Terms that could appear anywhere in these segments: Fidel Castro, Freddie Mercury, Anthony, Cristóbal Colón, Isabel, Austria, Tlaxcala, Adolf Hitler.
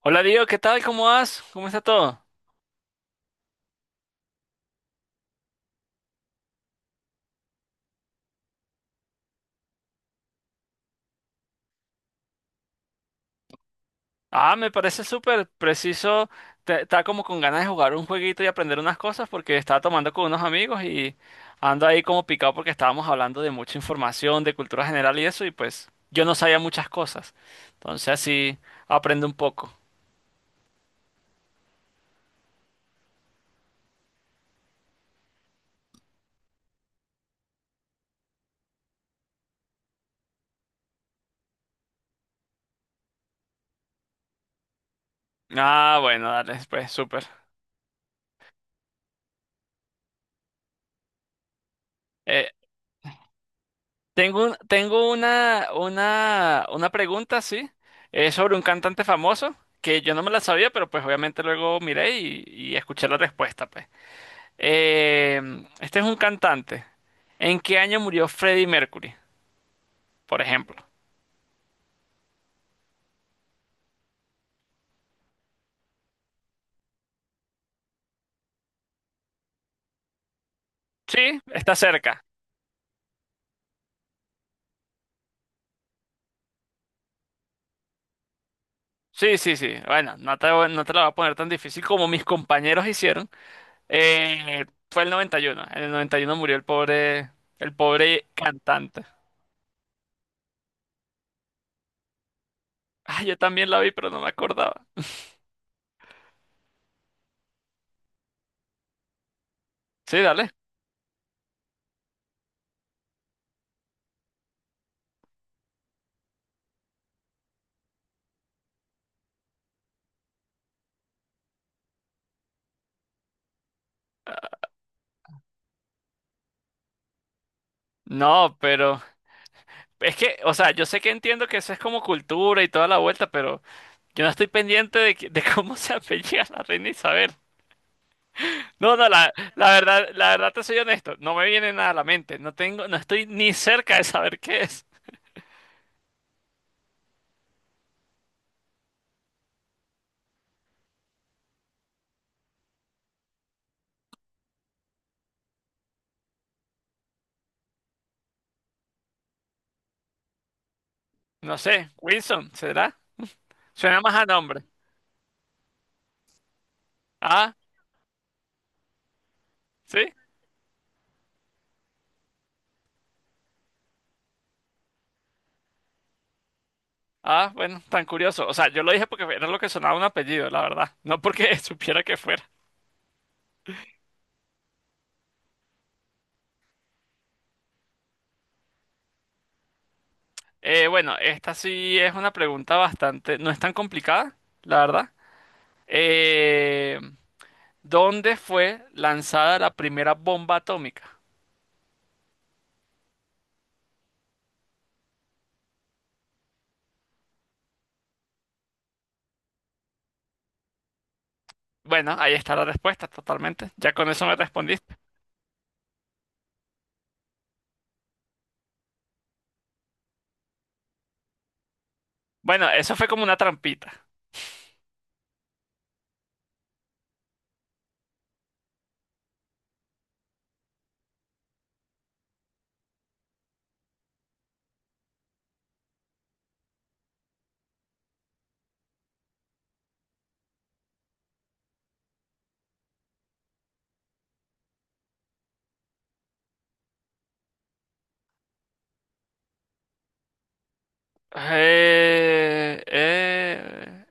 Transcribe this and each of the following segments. Hola Diego, ¿qué tal? ¿Cómo vas? ¿Cómo está todo? Ah, me parece súper preciso. Estaba como con ganas de jugar un jueguito y aprender unas cosas porque estaba tomando con unos amigos y ando ahí como picado porque estábamos hablando de mucha información, de cultura general y eso, y pues yo no sabía muchas cosas. Entonces así aprendo un poco. Ah, bueno, dale, pues súper. Eh, tengo una pregunta, sí, sobre un cantante famoso que yo no me la sabía, pero pues obviamente luego miré y escuché la respuesta, pues. Este es un cantante. ¿En qué año murió Freddie Mercury, por ejemplo? Sí, está cerca. Sí, sí, sí. Bueno, no te la voy a poner tan difícil como mis compañeros hicieron. Eh, Fue el 91. En el 91 murió el pobre cantante. Ah, yo también la vi, pero no me acordaba. Sí, dale. No, pero es que, o sea, yo sé que entiendo que eso es como cultura y toda la vuelta, pero yo no estoy pendiente de cómo se apellida la reina Isabel. No, no, la verdad, la verdad te soy honesto, no me viene nada a la mente, no tengo, no estoy ni cerca de saber qué es. No sé, Wilson, ¿será? Suena más a nombre. Ah, sí. Ah, bueno, tan curioso. O sea, yo lo dije porque era lo que sonaba un apellido, la verdad, no porque supiera que fuera. Bueno, esta sí es una pregunta bastante, no es tan complicada, la verdad. Eh, ¿Dónde fue lanzada la primera bomba atómica? Bueno, ahí está la respuesta, totalmente. Ya con eso me respondiste. Bueno, eso fue como una trampita. Eh, eh,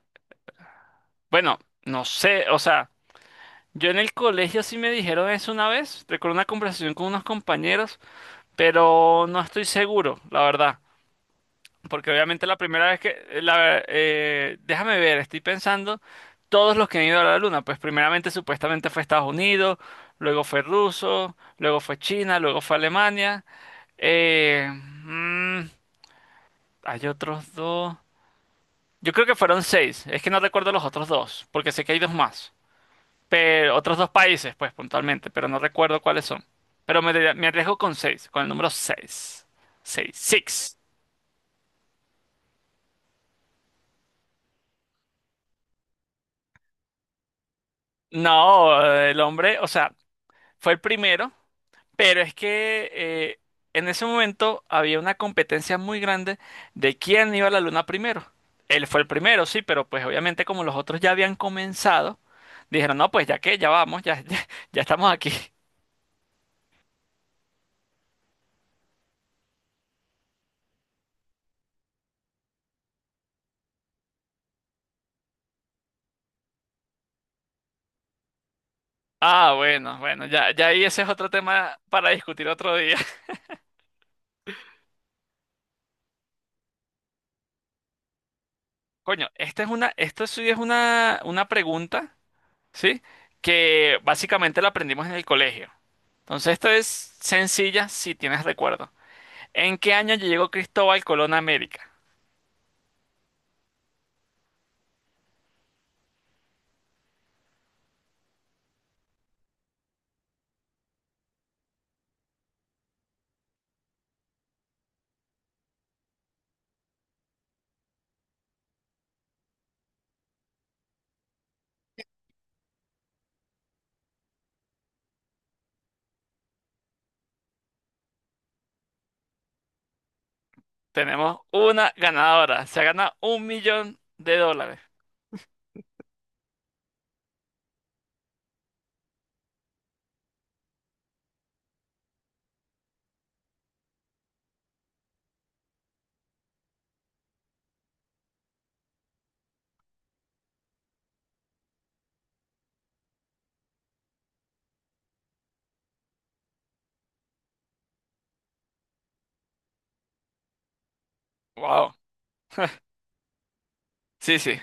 bueno, no sé, o sea, yo en el colegio sí me dijeron eso una vez, recuerdo una conversación con unos compañeros, pero no estoy seguro, la verdad. Porque obviamente la primera vez que... déjame ver, estoy pensando todos los que han ido a la Luna. Pues primeramente supuestamente fue Estados Unidos, luego fue ruso, luego fue China, luego fue Alemania. Eh, mm, hay otros dos. Yo creo que fueron seis. Es que no recuerdo los otros dos, porque sé que hay dos más. Pero otros dos países, pues puntualmente, pero no recuerdo cuáles son. Pero me arriesgo con seis, con el número seis. Seis. Six. No, el hombre, o sea, fue el primero, pero es que en ese momento había una competencia muy grande de quién iba a la luna primero. Él fue el primero, sí, pero pues obviamente como los otros ya habían comenzado, dijeron, no, pues ya que, ya vamos, ya, ya, ya estamos aquí. Ah, bueno, bueno, ya, ya ahí ese es otro tema para discutir otro día. Coño, esto sí es una pregunta, ¿sí? Que básicamente la aprendimos en el colegio. Entonces, esto es sencilla si tienes recuerdo. ¿En qué año llegó Cristóbal Colón a América? Tenemos una ganadora. Se gana un millón de dólares. Wow. Sí, sí.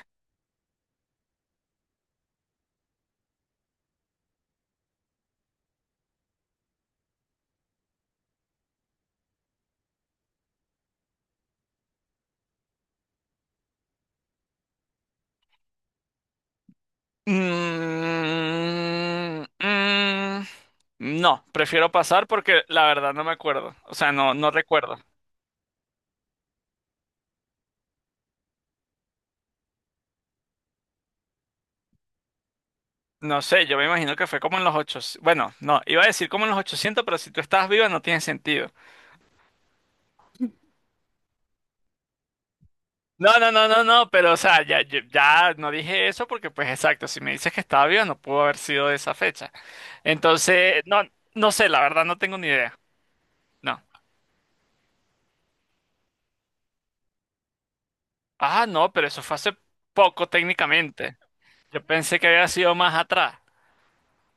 Mm, mm, no, prefiero pasar porque la verdad no me acuerdo. O sea, no, no recuerdo. No sé, yo me imagino que fue como en los 800. Bueno, no, iba a decir como en los 800, pero si tú estás viva no tiene sentido. No, no, no, no, no, pero o sea, ya, ya no dije eso porque pues exacto, si me dices que estaba viva no pudo haber sido de esa fecha. Entonces, no, no sé, la verdad no tengo ni idea. No. Ah, no, pero eso fue hace poco técnicamente. Yo pensé que había sido más atrás.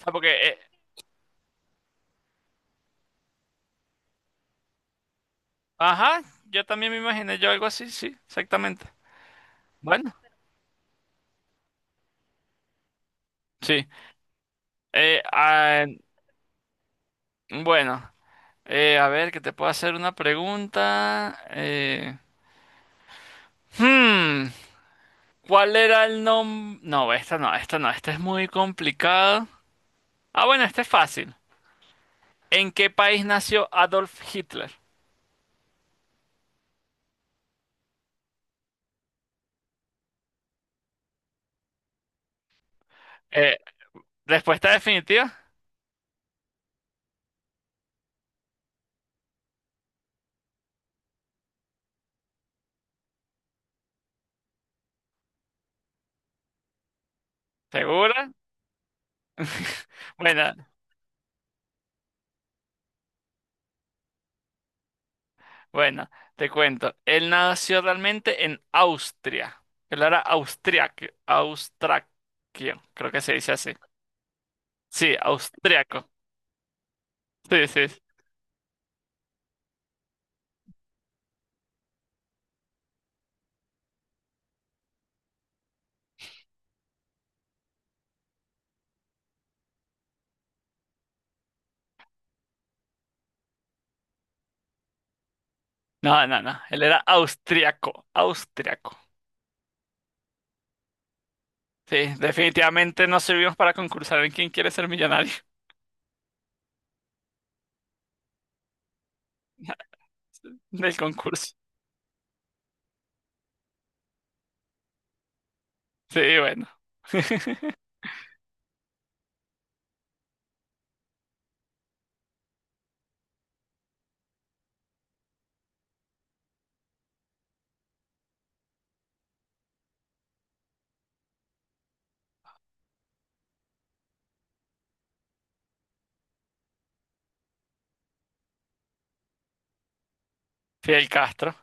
O sea, porque, ajá, yo también me imaginé yo algo así, sí, exactamente. Bueno, sí. Ah, bueno, a ver, que te puedo hacer una pregunta. Hmm. ¿Cuál era el nombre? No, esta no, esta no, esta es muy complicada. Ah, bueno, esta es fácil. ¿En qué país nació Adolf Hitler? Eh, respuesta definitiva, ¿segura? Bueno, bueno, te cuento. Él nació realmente en Austria. Él era austriaco, austraquio, creo que se dice así. Sí, austriaco. Sí, sí. Sí. No, no, no. Él era austriaco, austriaco. Sí, definitivamente no servimos para concursar en quién quiere ser millonario. Del concurso. Sí, bueno. Fidel Castro.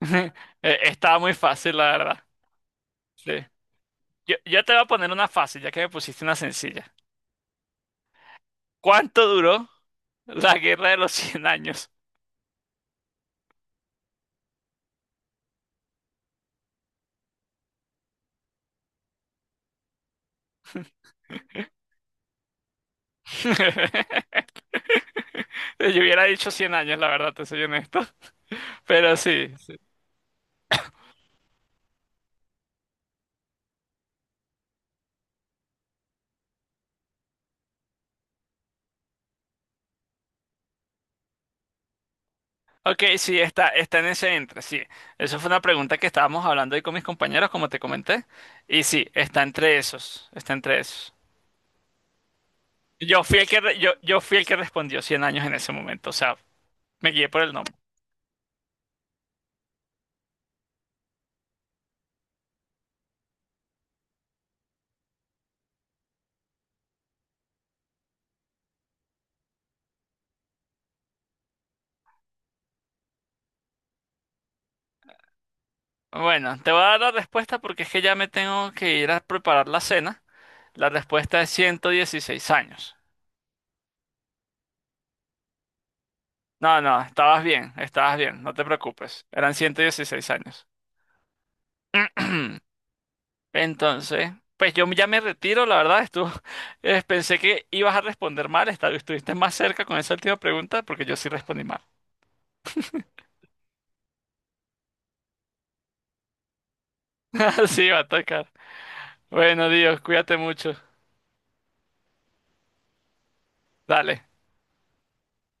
Estaba muy fácil, la verdad. Sí. Yo te voy a poner una fácil, ya que me pusiste una sencilla. ¿Cuánto duró la guerra de los 100 años? Yo hubiera dicho cien años, la verdad, te soy honesto. Pero sí. Sí. Ok, sí, está en ese entre, sí. Eso fue una pregunta que estábamos hablando ahí con mis compañeros, como te comenté. Y sí, está entre esos. Está entre esos. Yo fui el que respondió 100 años en ese momento. O sea, me guié por el nombre. Bueno, te voy a dar la respuesta porque es que ya me tengo que ir a preparar la cena. La respuesta es 116 años. No, no, estabas bien, no te preocupes. Eran 116 años. Entonces, pues yo ya me retiro, la verdad, estuvo, pensé que ibas a responder mal, estuviste más cerca con esa última pregunta porque yo sí respondí mal. Sí, va a tocar. Bueno, Dios, cuídate mucho. Dale.